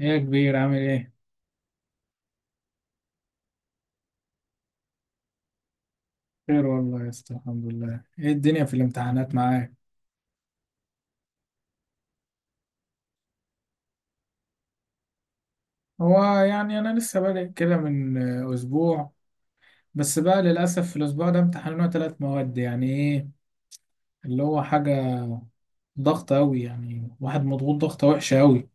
ايه يا كبير؟ عامل ايه؟ خير والله يا اسطى الحمد لله. ايه الدنيا في الامتحانات معاك؟ هو يعني انا لسه بادئ كده من اسبوع، بس بقى للاسف في الاسبوع ده امتحاننا ثلاث مواد، يعني ايه اللي هو حاجة ضغط قوي، يعني واحد مضغوط ضغطة وحشة قوي.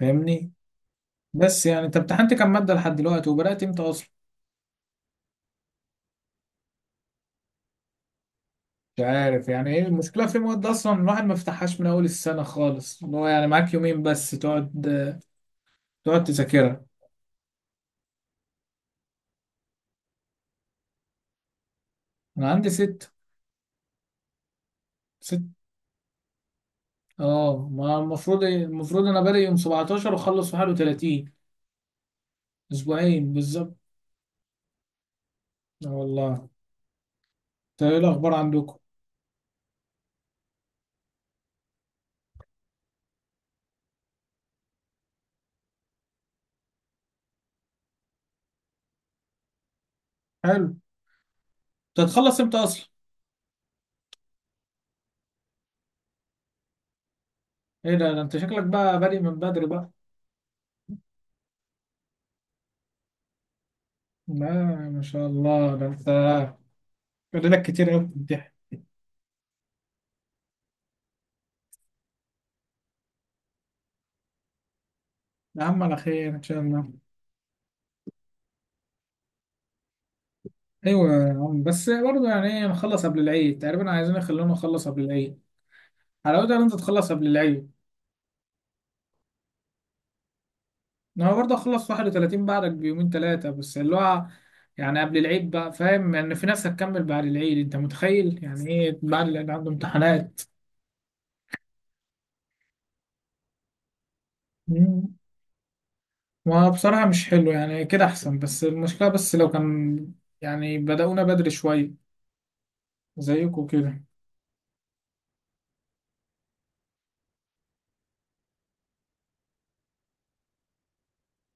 فاهمني؟ بس يعني انت امتحنت كام مادة لحد دلوقتي وبدأت امتى اصلا؟ مش عارف، يعني ايه المشكلة؟ في مواد اصلا الواحد ما فتحهاش من اول السنة خالص، اللي هو يعني معاك يومين بس تقعد تذاكرها. انا عندي ست. ست. اه، ما المفروض إيه، المفروض انا بادئ يوم 17 واخلص 31. اسبوعين بالظبط. اه والله. انت ايه الاخبار عندكم؟ حلو. انت هتخلص امتى اصلا؟ ايه ده، ده انت شكلك بقى بادئ من بدري بقى. لا، ما شاء الله، ده انت فاضلك كتير قوي بتمتحن. يا عم على خير ان شاء الله. ايوه يا عم، بس برضه يعني ايه، نخلص قبل العيد تقريبا، عايزين يخلونا نخلص قبل العيد. حلاوتها ان انت تخلص قبل العيد. انا برضه اخلص 31، بعدك بيومين ثلاثه بس، اللي هو يعني قبل العيد بقى. فاهم، يعني في ناس هتكمل بعد العيد، انت متخيل يعني ايه؟ بعد العيد عنده امتحانات. مم. وبصراحه مش حلو يعني، كده احسن، بس المشكله بس لو كان يعني بدأونا بدري شويه زيكم كده.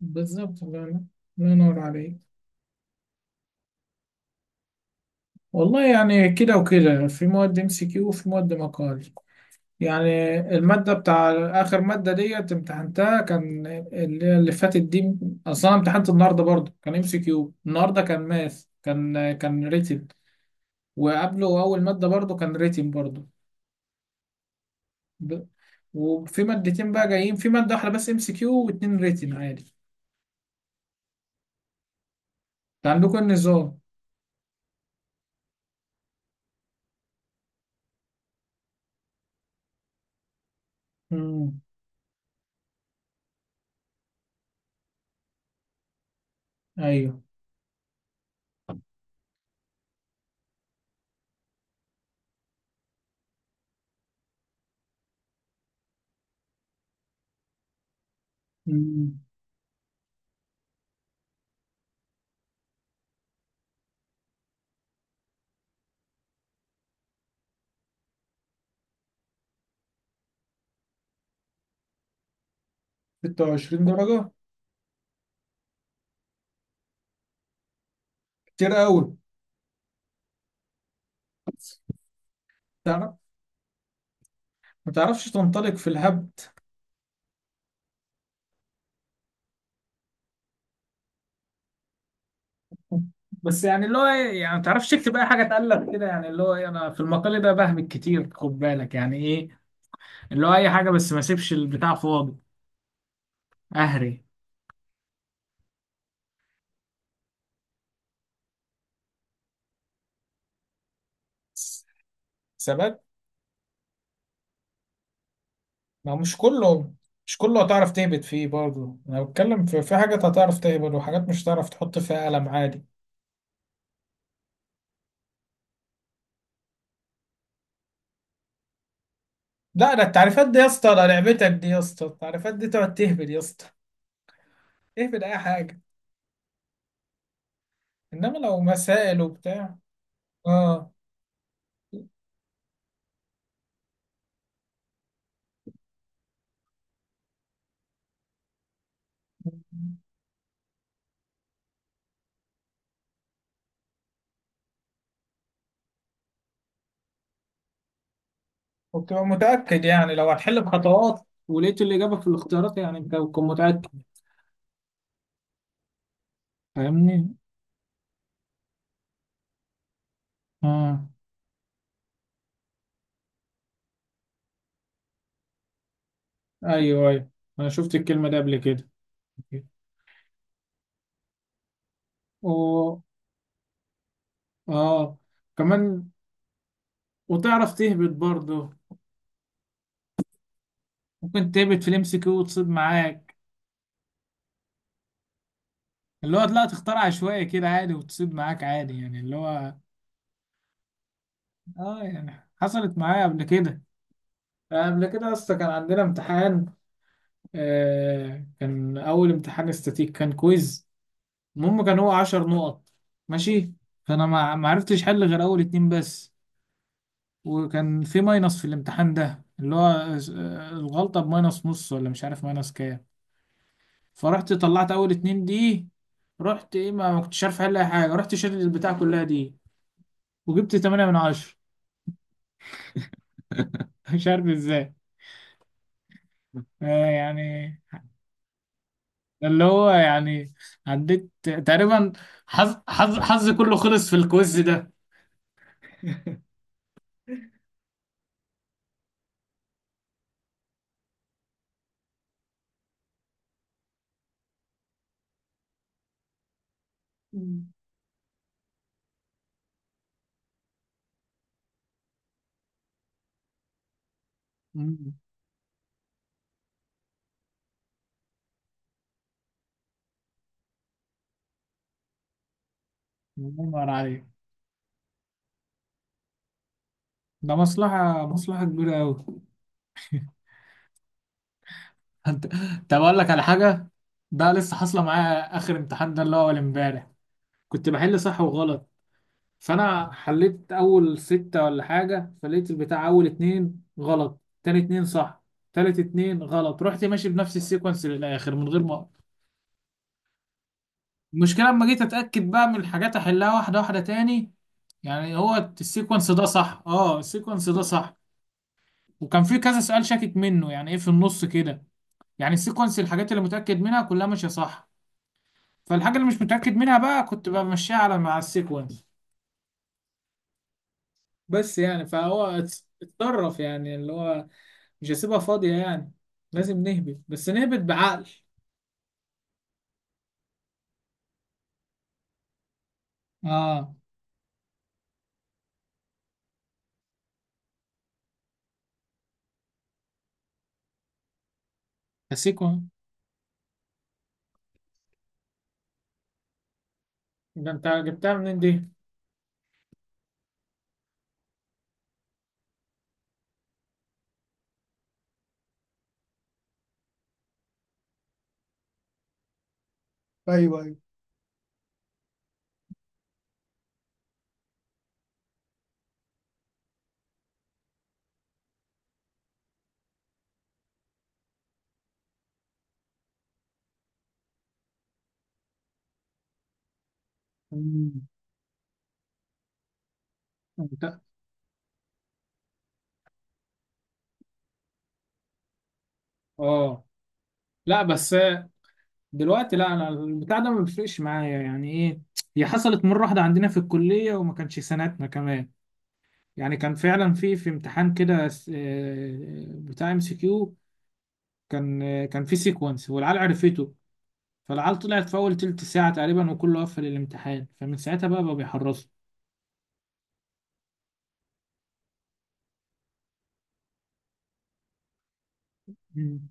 بالظبط، الله ينور، الله ينور عليك. والله يعني كده وكده، في مواد ام سي كيو وفي مواد مقالي. يعني المادة بتاع آخر مادة ديت امتحنتها كان اللي فاتت دي. أصلا امتحنت النهاردة برضه، كان ام سي كيو، النهاردة كان ماث، كان ريتن. وقبله أول مادة برضه كان ريتن برضه. ب- وفي مادتين بقى جايين، في مادة واحدة بس ام سي كيو واتنين ريتن عادي. انت عندكم إيه النظام؟ امم. أيوه. امم. 26 درجة؟ كتير أوي. تعرف، ما تعرفش تنطلق في الهبد. بس يعني اللي هو إيه، يعني ما تعرفش تكتب اي حاجه تقلب كده، يعني اللي هو إيه، انا في المقال ده بهمك كتير، خد بالك يعني ايه، اللي هو اي حاجه بس ما اسيبش البتاع فاضي. اهري. ثبات. ما هو مش كله، مش كله هتعرف تهبط فيه برضه. انا بتكلم في حاجات هتعرف تهبط، وحاجات مش هتعرف تحط فيها قلم عادي. لا، ده التعريفات دي يا اسطى، ده لعبتك دي يا اسطى، التعريفات دي تقعد تهبط يا اسطى. اهبط اي حاجه. انما لو مسائل وبتاع، اه. وبتبقى متأكد، يعني لو هتحل بخطوات ولقيت الإجابة في الاختيارات يعني أنت بتكون متأكد. فاهمني؟ آه. أيوه أيوه، أنا شفت الكلمة دي قبل كده. و… آه. كمان وتعرف تهبط برضه، ممكن تهبط في الام سي كيو وتصيب معاك. اللي هو لا، تختار عشوائي كده عادي وتصيب معاك عادي، يعني اللي هو… آه، يعني حصلت معايا قبل كده. قبل كده أصلا كان عندنا امتحان. آه، كان أول امتحان استاتيك، كان كويز. المهم كان هو 10 نقط. ماشي. فانا ما عرفتش حل غير اول اتنين بس. وكان في ماينص في الامتحان ده، اللي هو الغلطة بماينص نص، ولا مش عارف ماينص كام. فرحت طلعت اول اتنين دي. رحت ايه، ما كنتش عارف احل اي حاجة، رحت شلت البتاع كلها دي. وجبت 8 من 10. مش عارف ازاي. آه يعني. ده اللي هو يعني عديت تقريبا. حظ حظ حظ كله خلص في الكويز ده. مم. مم. الله ينور عليك. ده مصلحة كبيرة أوي. أنت. طب أقول لك على حاجة، ده لسه حاصلة معايا آخر امتحان ده، اللي هو أول إمبارح كنت بحل صح وغلط. فأنا حليت أول ستة ولا حاجة، فلقيت البتاع أول اتنين غلط، تاني اتنين صح، تالت اتنين غلط، رحت ماشي بنفس السيكونس للآخر من غير ما أقف. المشكلة لما جيت أتأكد بقى من الحاجات أحلها واحدة واحدة تاني، يعني هو السيكونس ده صح، اه السيكونس ده صح. وكان في كذا سؤال شاكك منه، يعني ايه في النص كده، يعني السيكونس الحاجات اللي متأكد منها كلها ماشية صح، فالحاجة اللي مش متأكد منها بقى كنت بمشيها على مع السيكونس. بس يعني فهو اتصرف، يعني اللي هو مش هسيبها فاضية يعني، لازم نهبط بس نهبط بعقل. اه. السيكونس ده انت جبتها منين دي؟ ايوه ايوه. مم. انت. اه. لا بس، دلوقتي لا، انا البتاع ده ما بيفرقش معايا، يعني ايه، هي حصلت مرة واحدة عندنا في الكلية وما كانش سنتنا كمان. يعني كان فعلا في امتحان كده، بتاع ام سي كيو، كان كان في سيكونس والعيال عرفته، فالعيال طلعت في اول تلت ساعه تقريبا وكله قفل الامتحان، فمن ساعتها بقى بيحرصوا. مم.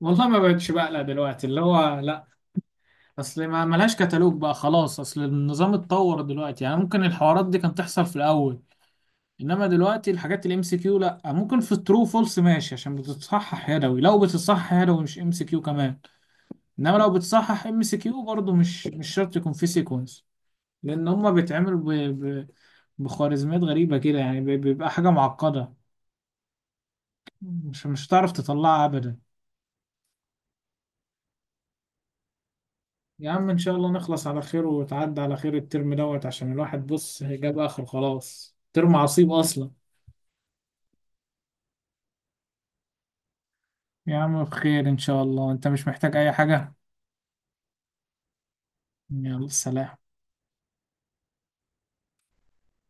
والله ما بقتش بقلق دلوقتي، اللي هو لا. اصل ما ملهاش كتالوج بقى خلاص، اصل النظام اتطور دلوقتي، يعني ممكن الحوارات دي كانت تحصل في الاول. انما دلوقتي الحاجات الام سي كيو لا، ممكن في الترو فولس ماشي عشان بتتصحح يدوي، لو بتتصحح يدوي مش ام سي كيو كمان. انما لو بتصحح ام سي كيو برضه مش شرط يكون في سيكونس، لان هما بيتعملوا ب... بخوارزميات غريبه كده، يعني بيبقى حاجه معقده، مش هتعرف تطلعها ابدا. يا عم ان شاء الله نخلص على خير وتعدي على خير الترم دوت، عشان الواحد بص جاب اخر، خلاص ترم عصيب اصلا. يا عم بخير ان شاء الله، انت مش محتاج اي حاجه؟ يلا سلام.